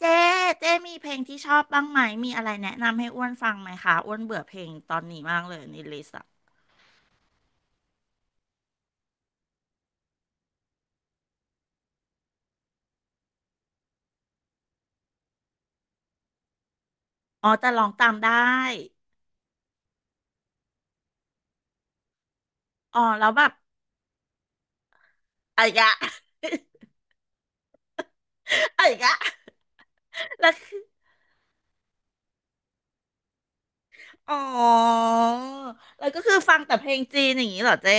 เจ๊เจ๊มีเพลงที่ชอบบ้างไหมมีอะไรแนะนำให้อ้วนฟังไหมคะอ้วนเบื่อเพลงตอนนี้มากเลยในลิสต์อะอ๋อแต่ร้องตามได้อ๋อแล้วแบบอะไรกอะ อะไรกะแล้วคืออ๋อแล้วก็คือฟังแต่เพลงจีนอย่างนี้เหรอเจ๊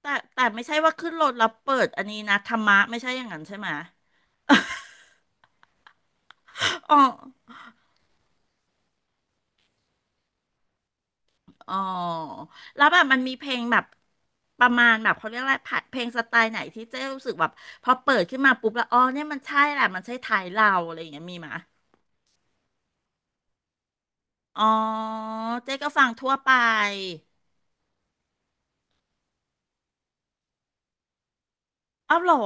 แต่ไม่ใช่ว่าขึ้นรถแล้วเปิดอันนี้นะธรรมะไม่ใช่อย่างนั้นใช่ไหม อ๋อ อ๋อแล้วแบบมันมีเพลงแบบประมาณแบบเขาเรียกอะไรผัดเพลงสไตล์ไหนที่เจ๊รู้สึกแบบพอเปิดขึ้นมาปุ๊บแล้วอ๋อเนี่ยมันใช่แหละมันใช่ไทยเราอะไรอย่างเงี้ยมีไหมอ๋อเจ๊ก็ฟังทั่วไปอ้าวเหรอ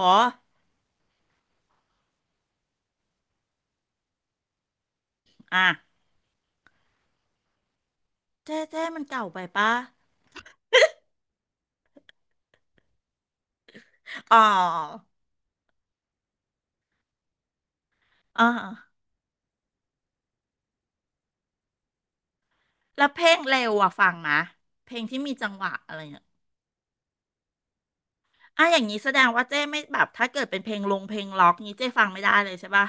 อ่ะเจ๊เจ๊มันเก่าไปปะอ๋ออ่าแล้วเพลงเร็วอะฟังไหมเพลงที่มีจังหวะอะไรเนี่ยอ่ะอย่างนี้แสดงว่าเจ๊ไม่แบบถ้าเกิดเป็นเพลงลงเพลงล็อกนี้เจ๊ฟังไม่ได้เลยใช่ปะ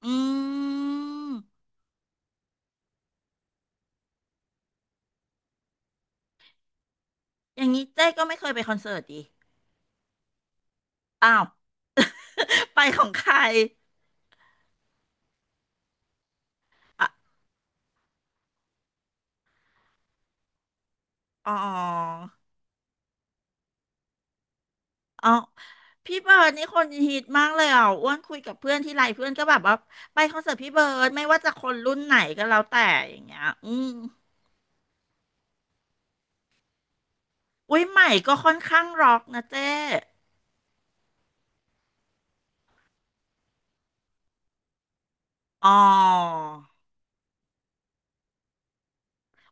อืม อย่างนี้เจ๊ก็ไม่เคยไปคอนเสิร์ตดิอ้าว ไปของใครอ่ะอ๋ออ๋อพี่เบิร์ดนี่คนฮิตมากเลยอ่ะอ้วนคุยกับเพื่อนที่ไรเพื่อนก็แบบว่าไปคอนเสิร์ตพี่เบิร์ดไม่ว่าจะคนรุ่นไหนก็แล้วแต่อย่างเงี้ยอืมอุ้ยใหม่ก็ค่อนข้างร็อกนะเจ๊อ๋อ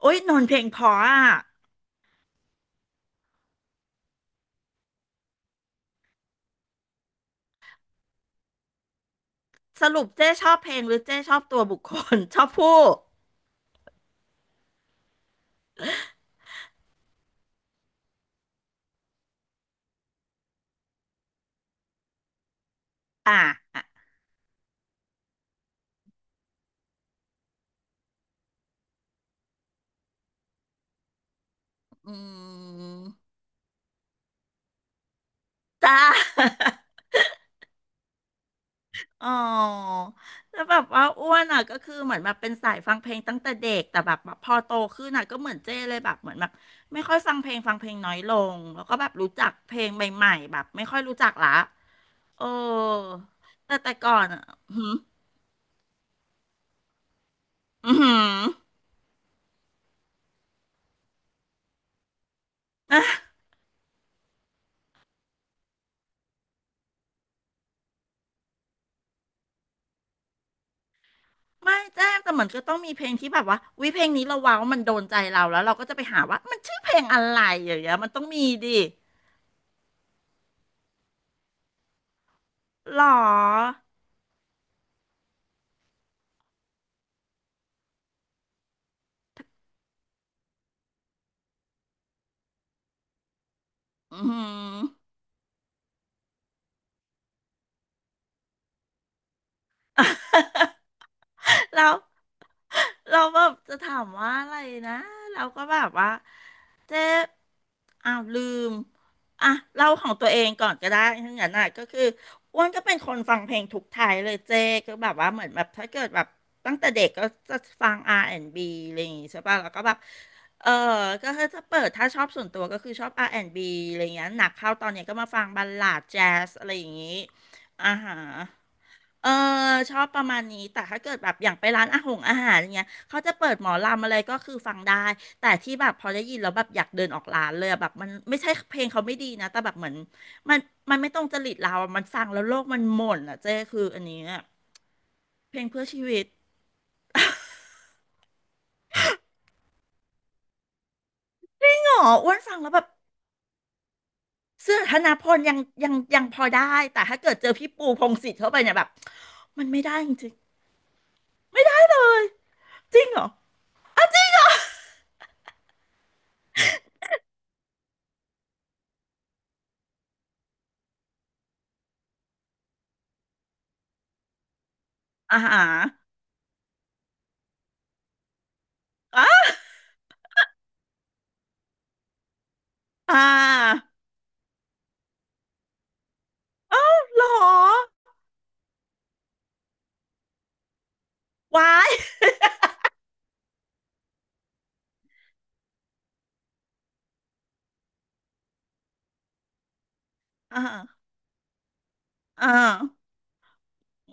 อุ้ยนนท์เพลงเพออ่ะสรุปเจ๊ชอบเพลงหรือเจ๊ชอบตัวบุคคล ชอบผู้อ่ะอ่ะอืมจ้า อ๋อแล้วแบบว่าอ้วนอ่ะก็คือเหมือนแบบเป็นสายฟังเพลงตั้งแต่เด็กแต่แบบพอโตขึ้นอ่ะก็เหมือนเจ้เลยแบบเหมือนแบบไม่ค่อยฟังเพลงฟังเพลงน้อยลงแล้วก็แบบรู้จักเพลงใหม่ๆแบบไม่ค่อยรู้จักละเออแต่ก่อนอ่ะหืมออหืออ่ะไม่แจ้แต่เหมือนก็ต้องมีเพลงที่แบบว่าวิเพลงนี้เราว้าวมันโดนใจเราแล้วเราก็จะไปหาว่ามันชื่อเพลงอะไรอย่างเงี้ยมันต้องมีดิหรออือ แล้ว เราแบบจะถามว่าอะไรนะเราก็แบบว่าเจ๊อ้าวลืมอ่ะเล่าของตัวเองก่อนก็ได้ทั้งนั้นน่ะก็คืออ้วนก็เป็นคนฟังเพลงทุกไทยเลยเจ๊ก็แบบว่าเหมือนแบบถ้าเกิดแบบตั้งแต่เด็กก็จะฟัง R&B อนด์บีอะไรอย่างงี้ใช่ป่ะแล้วก็แบบเออก็คือจะเปิดถ้าชอบส่วนตัวก็คือชอบ R&B อนด์บีอะไรอย่างเงี้ยหนักเข้าตอนเนี้ยก็มาฟังบัลลาดแจ๊สอะไรอย่างงี้อ่าฮะ เออชอบประมาณนี้แต่ถ้าเกิดแบบอย่างไปร้านอาหงอาหารอย่างเงี้ยเขาจะเปิดหมอลำอะไรก็คือฟังได้แต่ที่แบบพอได้ยินแล้วแบบอยากเดินออกร้านเลยอะแบบมันไม่ใช่เพลงเขาไม่ดีนะแต่แบบเหมือนมันมันไม่ตรงจริตเราอะมันฟังแล้วโลกมันหม่นอ่ะเจ้คืออันนี้อะเพลงเพื่อชีวิตหรออ้วนฟังแล้วแบบเสื้อธนพลยังยังยังพอได้แต่ถ้าเกิดเจอพี่ปูพงษ์สิทธิ์เข้าไปเนี่ยแบบมันไม่ได้จริงๆไม่ได้เลยจริงเหรออาหารอ่าอ่าเอ้าเหรอ วายอ่าอ่า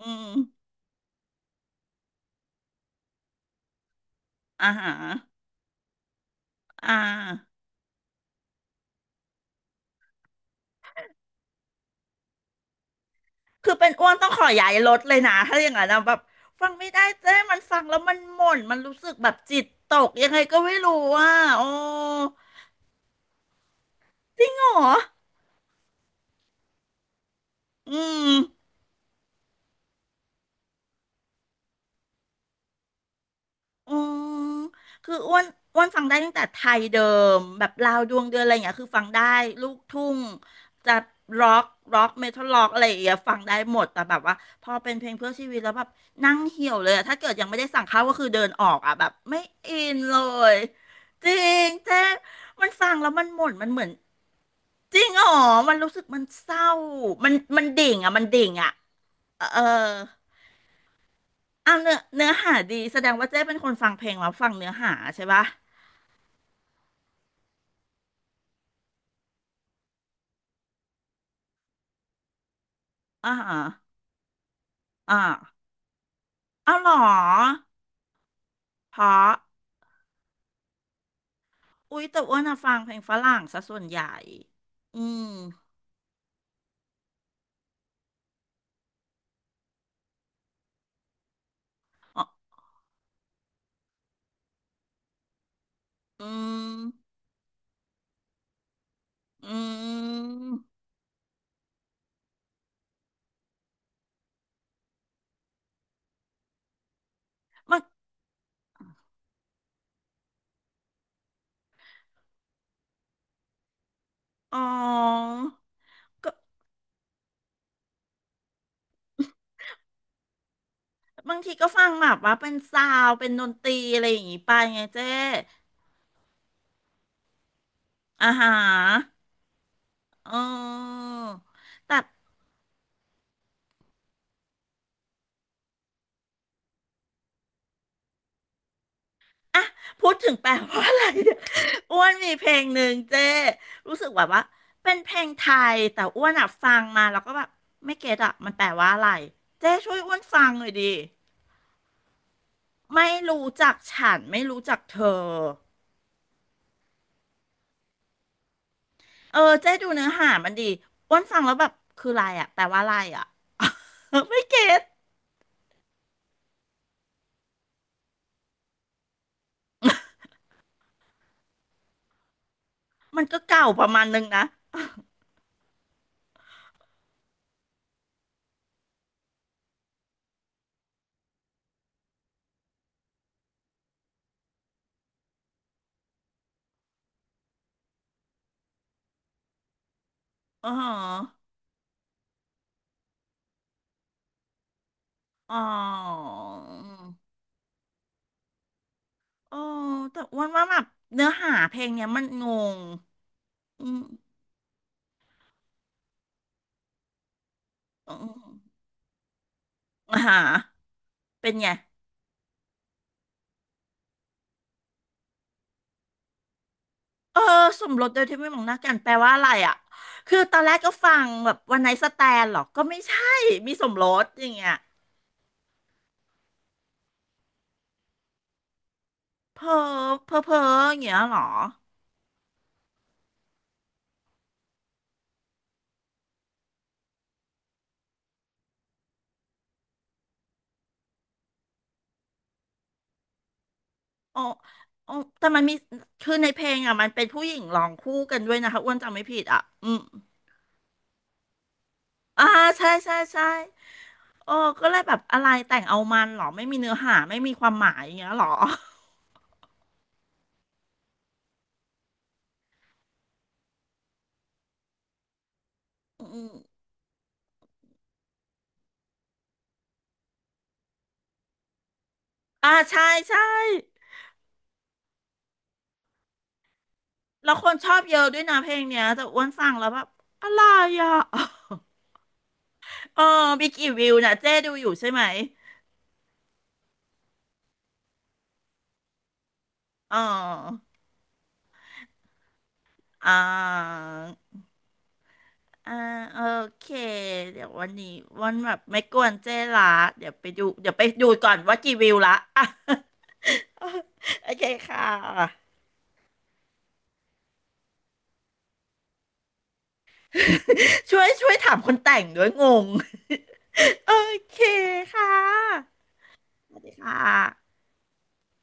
อืมอ่าฮะอ่าคือเป็นอ้วนต้องขอย้ายรถเลยนะ ถ้าอย่างนั้นนะแบบฟังไม่ได้เจ้มันฟังแล้วมันหม่นมันรู้สึกแบบจิตตกยังไงก็ไม่รู้อ่ะโอ้จริงเหรออืม อืม คืออ้วนอ้วนฟังได้ตั้งแต่ไทยเดิมแบบลาวดวงเดือนอะไรอย่างเงี้ยคือฟังได้ลูกทุ่งจะร็อกร็อกเมทัลร็อกอะไรอย่างเงี้ยฟังได้หมดแต่แบบว่าพอเป็นเพลงเพื่อชีวิตแล้วแบบนั่งเหี่ยวเลยอะถ้าเกิดยังไม่ได้สั่งข้าวก็คือเดินออกอ่ะแบบไม่อินเลยจริงเจ๊มันฟังแล้วมันหม่นมันเหมือนจริงอ๋อมันรู้สึกมันเศร้ามันมันดิ่งอะมันดิ่งอะเออเอาเนื้อหาดีแสดงว่าเจ๊เป็นคนฟังเพลงแล้วฟังเนื้อหาใช่ปะ อ่าฮะอ่าเอาเหรอเพราะอุ๊ยแต่อ้วนอะฟังเพลงฝรั่งซะส่วนใหญ่ อืมอ๋ออืม อืมมันอ๋อก็บางทีก็ฟังแบบว่าเป็นซาวด์เป็นดนตรีอะไรอย่างงี้ไปไงเจ๊อ่าฮะเออแต่ พูดถึงแปลว่าอะไรเนี่ย อ้วนมีเพลงหนึ่งเจ้รู้สึกแบบว่าเป็นเพลงไทยแต่อ้วนอะฟังมาแล้วก็แบบไม่เก็ตอะมันแปลว่าอะไรเจ้ช่วยอ้วนฟังหน่อยดิไม่รู้จักฉันไม่รู้จักเธอเออเจ้ดูเนื้อหามันดีอ้วนฟังแล้วแบบคืออะไรอะแปลว่าอะไรอะ ไม่เก็ตมันก็เก่าประมาณนึงนะอ๋ออ๋ออ๋อแต่อ้วนว่าแบบเนื้อหาเพลงเนี้ยมันงงอืม อืมอ่าฮะเป็นไงเออ สมรสโดยที่ไม่มองหน้ากันแปลว่าอะไรอ่ะคือตอนแรกก็ฟังแบบวันไนท์สแตนหรอก็ไม่ใช่มีสมรสอย่างเงี้ยเพ้อเพ้ออย่างเงี้ยหรออ๋ออ๋อแต่มันมีคือในเพลงอ่ะมันเป็นผู้หญิงร้องคู่กันด้วยนะคะอ้วนจำไม่ผิดอ่ะอืมอ่าใช่ ใช่ ใช่โอ้ก็เลยแบบอะไรแต่งเอามันหรอไม่มีเนื้อหา ไม่มีความหมายอย่างเงี้ยหรออืมอ่าใช่ ใช่ แล้วคนชอบเยอะด้วยนะเพลงเนี้ยแต่อ้วนฟังแล้วแบบอะไรอ่ะ เออมีกี่วิวนะเจ๊ดูอยู่ใช่ไหมเอออ่าอ่าโอเคเดี๋ยววันนี้วันแบบไม่กวนเจ๊ละเดี๋ยวไปดูเดี๋ยวไปดูก่อนว่ากี่วิวละ อ่ะ โอเคค่ะช่วยถามคนแต่งด้วยงง โอเคค่ะสวัสดีค่ะ